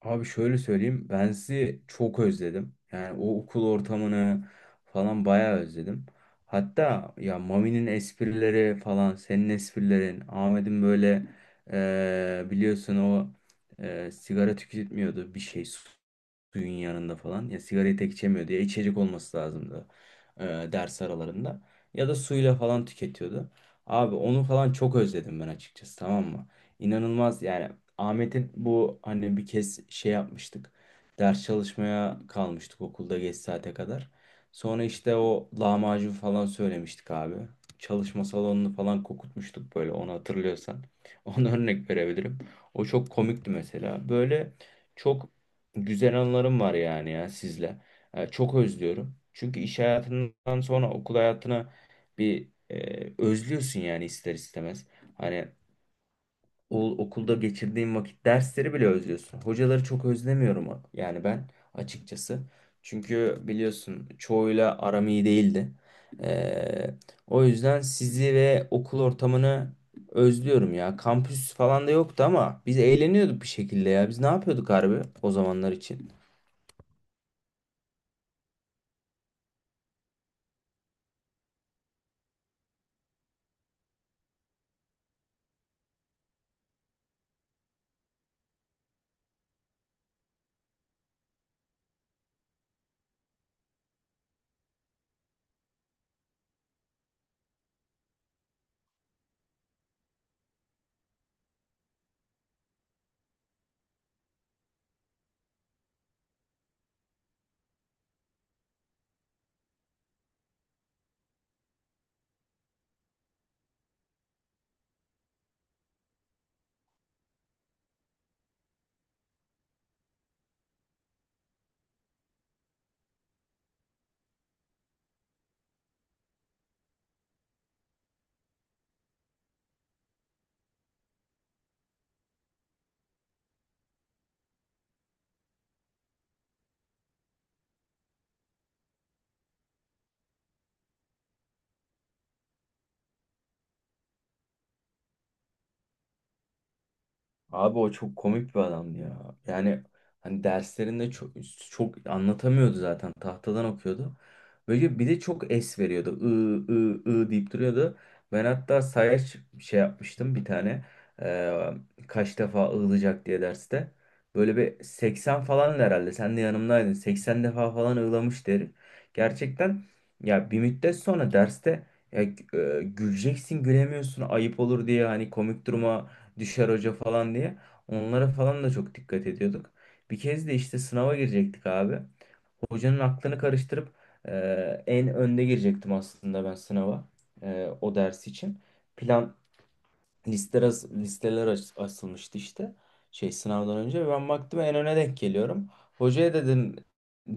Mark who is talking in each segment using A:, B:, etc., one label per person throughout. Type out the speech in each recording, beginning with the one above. A: Abi şöyle söyleyeyim. Ben sizi çok özledim. Yani o okul ortamını falan bayağı özledim. Hatta ya Mami'nin esprileri falan, senin esprilerin, Ahmet'in böyle biliyorsun o sigara tüketmiyordu bir şey suyun yanında falan. Ya sigarayı tek içemiyordu, ya içecek olması lazımdı e, ders aralarında. Ya da suyla falan tüketiyordu. Abi onu falan çok özledim ben açıkçası, tamam mı? İnanılmaz yani. Ahmet'in bu, hani bir kez şey yapmıştık. Ders çalışmaya kalmıştık okulda geç saate kadar. Sonra işte o lahmacun falan söylemiştik abi. Çalışma salonunu falan kokutmuştuk böyle, onu hatırlıyorsan. Ona örnek verebilirim. O çok komikti mesela. Böyle çok güzel anılarım var yani ya sizle. Çok özlüyorum. Çünkü iş hayatından sonra okul hayatına bir özlüyorsun yani ister istemez. Hani o, okulda geçirdiğim vakit, dersleri bile özlüyorsun. Hocaları çok özlemiyorum yani ben açıkçası. Çünkü biliyorsun çoğuyla aram iyi değildi. E, O yüzden sizi ve okul ortamını özlüyorum ya. Kampüs falan da yoktu ama biz eğleniyorduk bir şekilde ya. Biz ne yapıyorduk harbi o zamanlar için? Abi o çok komik bir adamdı ya. Yani hani derslerinde çok, çok anlatamıyordu zaten. Tahtadan okuyordu. Böyle bir de çok es veriyordu. I, I, I deyip duruyordu. Ben hatta sayaç şey yapmıştım bir tane. Ee, Kaç defa ığılacak diye derste. Böyle bir 80 falan herhalde. Sen de yanımdaydın. 80 defa falan ığlamış derim. Gerçekten ya, bir müddet sonra derste ya, güleceksin gülemiyorsun, ayıp olur diye, hani komik duruma düşer hoca falan diye. Onlara falan da çok dikkat ediyorduk. Bir kez de işte sınava girecektik abi. Hocanın aklını karıştırıp en önde girecektim aslında ben sınava, o ders için. Plan listeler, listeler asılmıştı işte şey, sınavdan önce ben baktım, en öne denk geliyorum. Hocaya dedim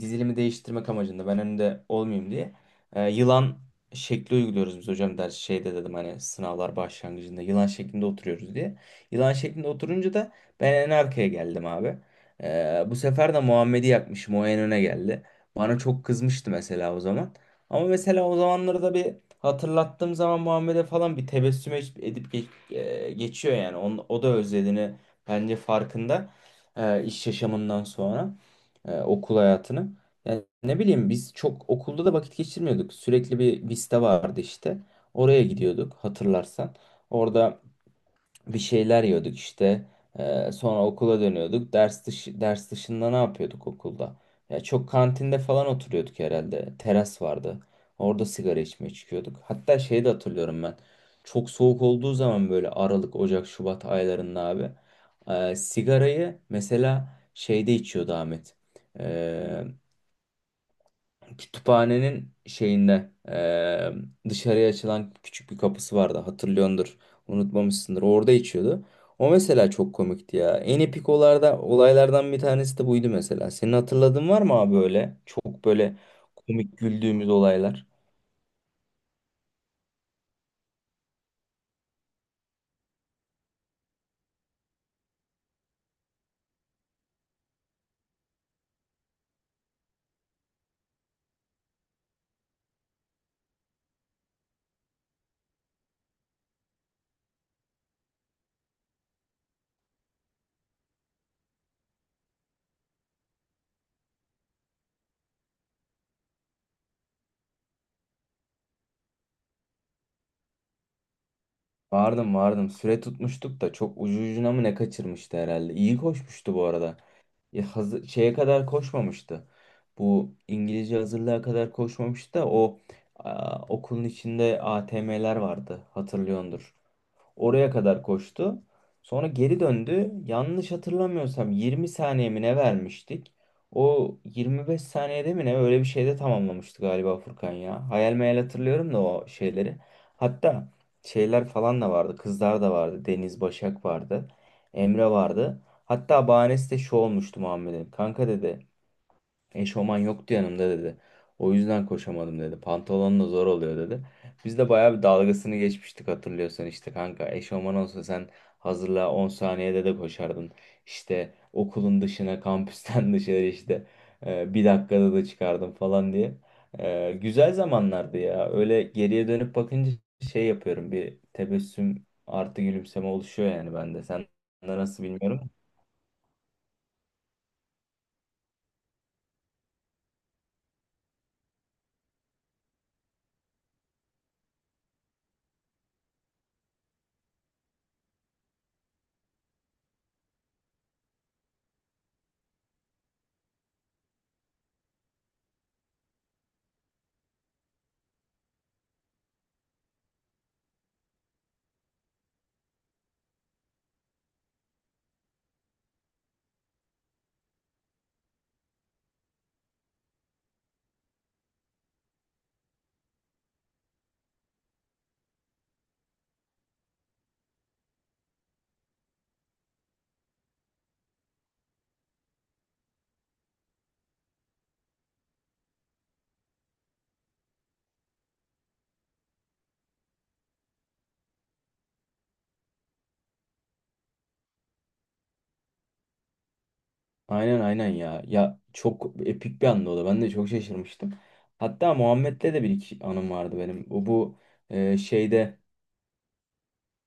A: dizilimi değiştirmek amacında, ben önde olmayayım diye. Yılan şekli uyguluyoruz biz hocam ders şeyde dedim, hani sınavlar başlangıcında yılan şeklinde oturuyoruz diye. Yılan şeklinde oturunca da ben en arkaya geldim abi. Bu sefer de Muhammed'i yakmışım, o en öne geldi. Bana çok kızmıştı mesela o zaman. Ama mesela o zamanları da bir hatırlattığım zaman Muhammed'e falan, bir tebessüm edip edip geçiyor yani. O da özlediğini bence farkında, iş yaşamından sonra okul hayatını. Yani ne bileyim, biz çok okulda da vakit geçirmiyorduk. Sürekli bir Vista vardı işte. Oraya gidiyorduk hatırlarsan. Orada bir şeyler yiyorduk işte. Sonra okula dönüyorduk. Ders dışı, ders dışında ne yapıyorduk okulda? Ya çok kantinde falan oturuyorduk herhalde. Teras vardı. Orada sigara içmeye çıkıyorduk. Hatta şeyi de hatırlıyorum ben. Çok soğuk olduğu zaman, böyle Aralık, Ocak, Şubat aylarında abi, sigarayı mesela şeyde içiyordu Ahmet. Ee, Kütüphanenin şeyinde dışarıya açılan küçük bir kapısı vardı, hatırlıyordur, unutmamışsındır, orada içiyordu. O mesela çok komikti ya. En epik olaylardan bir tanesi de buydu mesela. Senin hatırladığın var mı abi böyle? Çok böyle komik güldüğümüz olaylar. Vardım vardım. Süre tutmuştuk da çok ucu ucuna mı ne kaçırmıştı herhalde. İyi koşmuştu bu arada. Ya şeye kadar koşmamıştı. Bu İngilizce hazırlığa kadar koşmamıştı da o okulun içinde ATM'ler vardı, hatırlıyordur. Oraya kadar koştu. Sonra geri döndü. Yanlış hatırlamıyorsam 20 saniye mi ne vermiştik? O 25 saniyede mi ne, öyle bir şeyde tamamlamıştı galiba Furkan ya. Hayal meyal hatırlıyorum da o şeyleri. Hatta şeyler falan da vardı. Kızlar da vardı. Deniz Başak vardı. Emre vardı. Hatta bahanesi de şu olmuştu Muhammed'in. Kanka dedi. Eşofman yoktu yanımda dedi. O yüzden koşamadım dedi. Pantolon da zor oluyor dedi. Biz de bayağı bir dalgasını geçmiştik hatırlıyorsan işte, kanka eşofman olsa sen hazırla 10 saniyede de koşardın. İşte okulun dışına, kampüsten dışarı işte bir dakikada da çıkardım falan diye. Güzel zamanlardı ya. Öyle geriye dönüp bakınca şey yapıyorum. Bir tebessüm artı gülümseme oluşuyor yani bende. Sen de nasıl bilmiyorum. Aynen aynen ya. Ya çok epik bir anda o da. Ben de çok şaşırmıştım. Hatta Muhammed'le de bir iki anım vardı benim. O bu şeyde,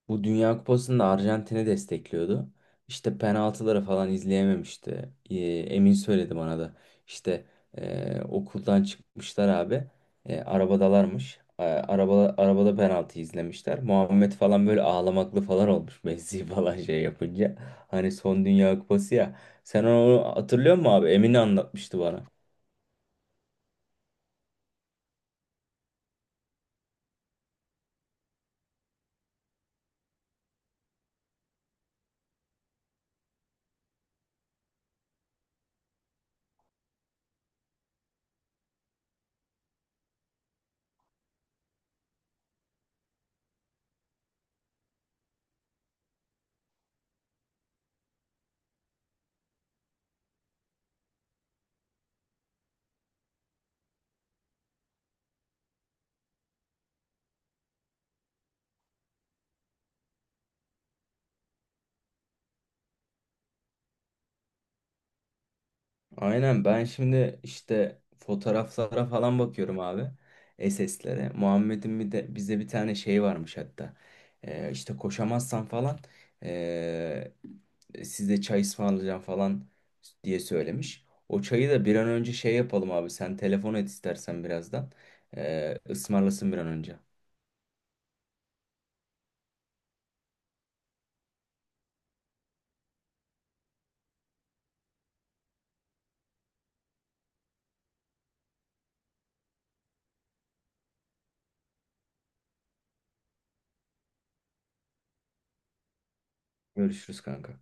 A: bu Dünya Kupası'nda Arjantin'i destekliyordu. İşte penaltıları falan izleyememişti. Emin söyledi bana da. İşte okuldan çıkmışlar abi. Arabadalarmış. Arabada penaltı izlemişler. Muhammed falan böyle ağlamaklı falan olmuş. Messi falan şey yapınca. Hani son Dünya Kupası ya. Sen onu hatırlıyor musun abi? Emin anlatmıştı bana. Aynen, ben şimdi işte fotoğraflara falan bakıyorum abi. SS'lere. Muhammed'in bir de bize bir tane şey varmış hatta. İşte koşamazsan falan ee, size çay ısmarlayacağım falan diye söylemiş. O çayı da bir an önce şey yapalım abi. Sen telefon et istersen birazdan. Ismarlasın bir an önce. Görüşürüz kanka.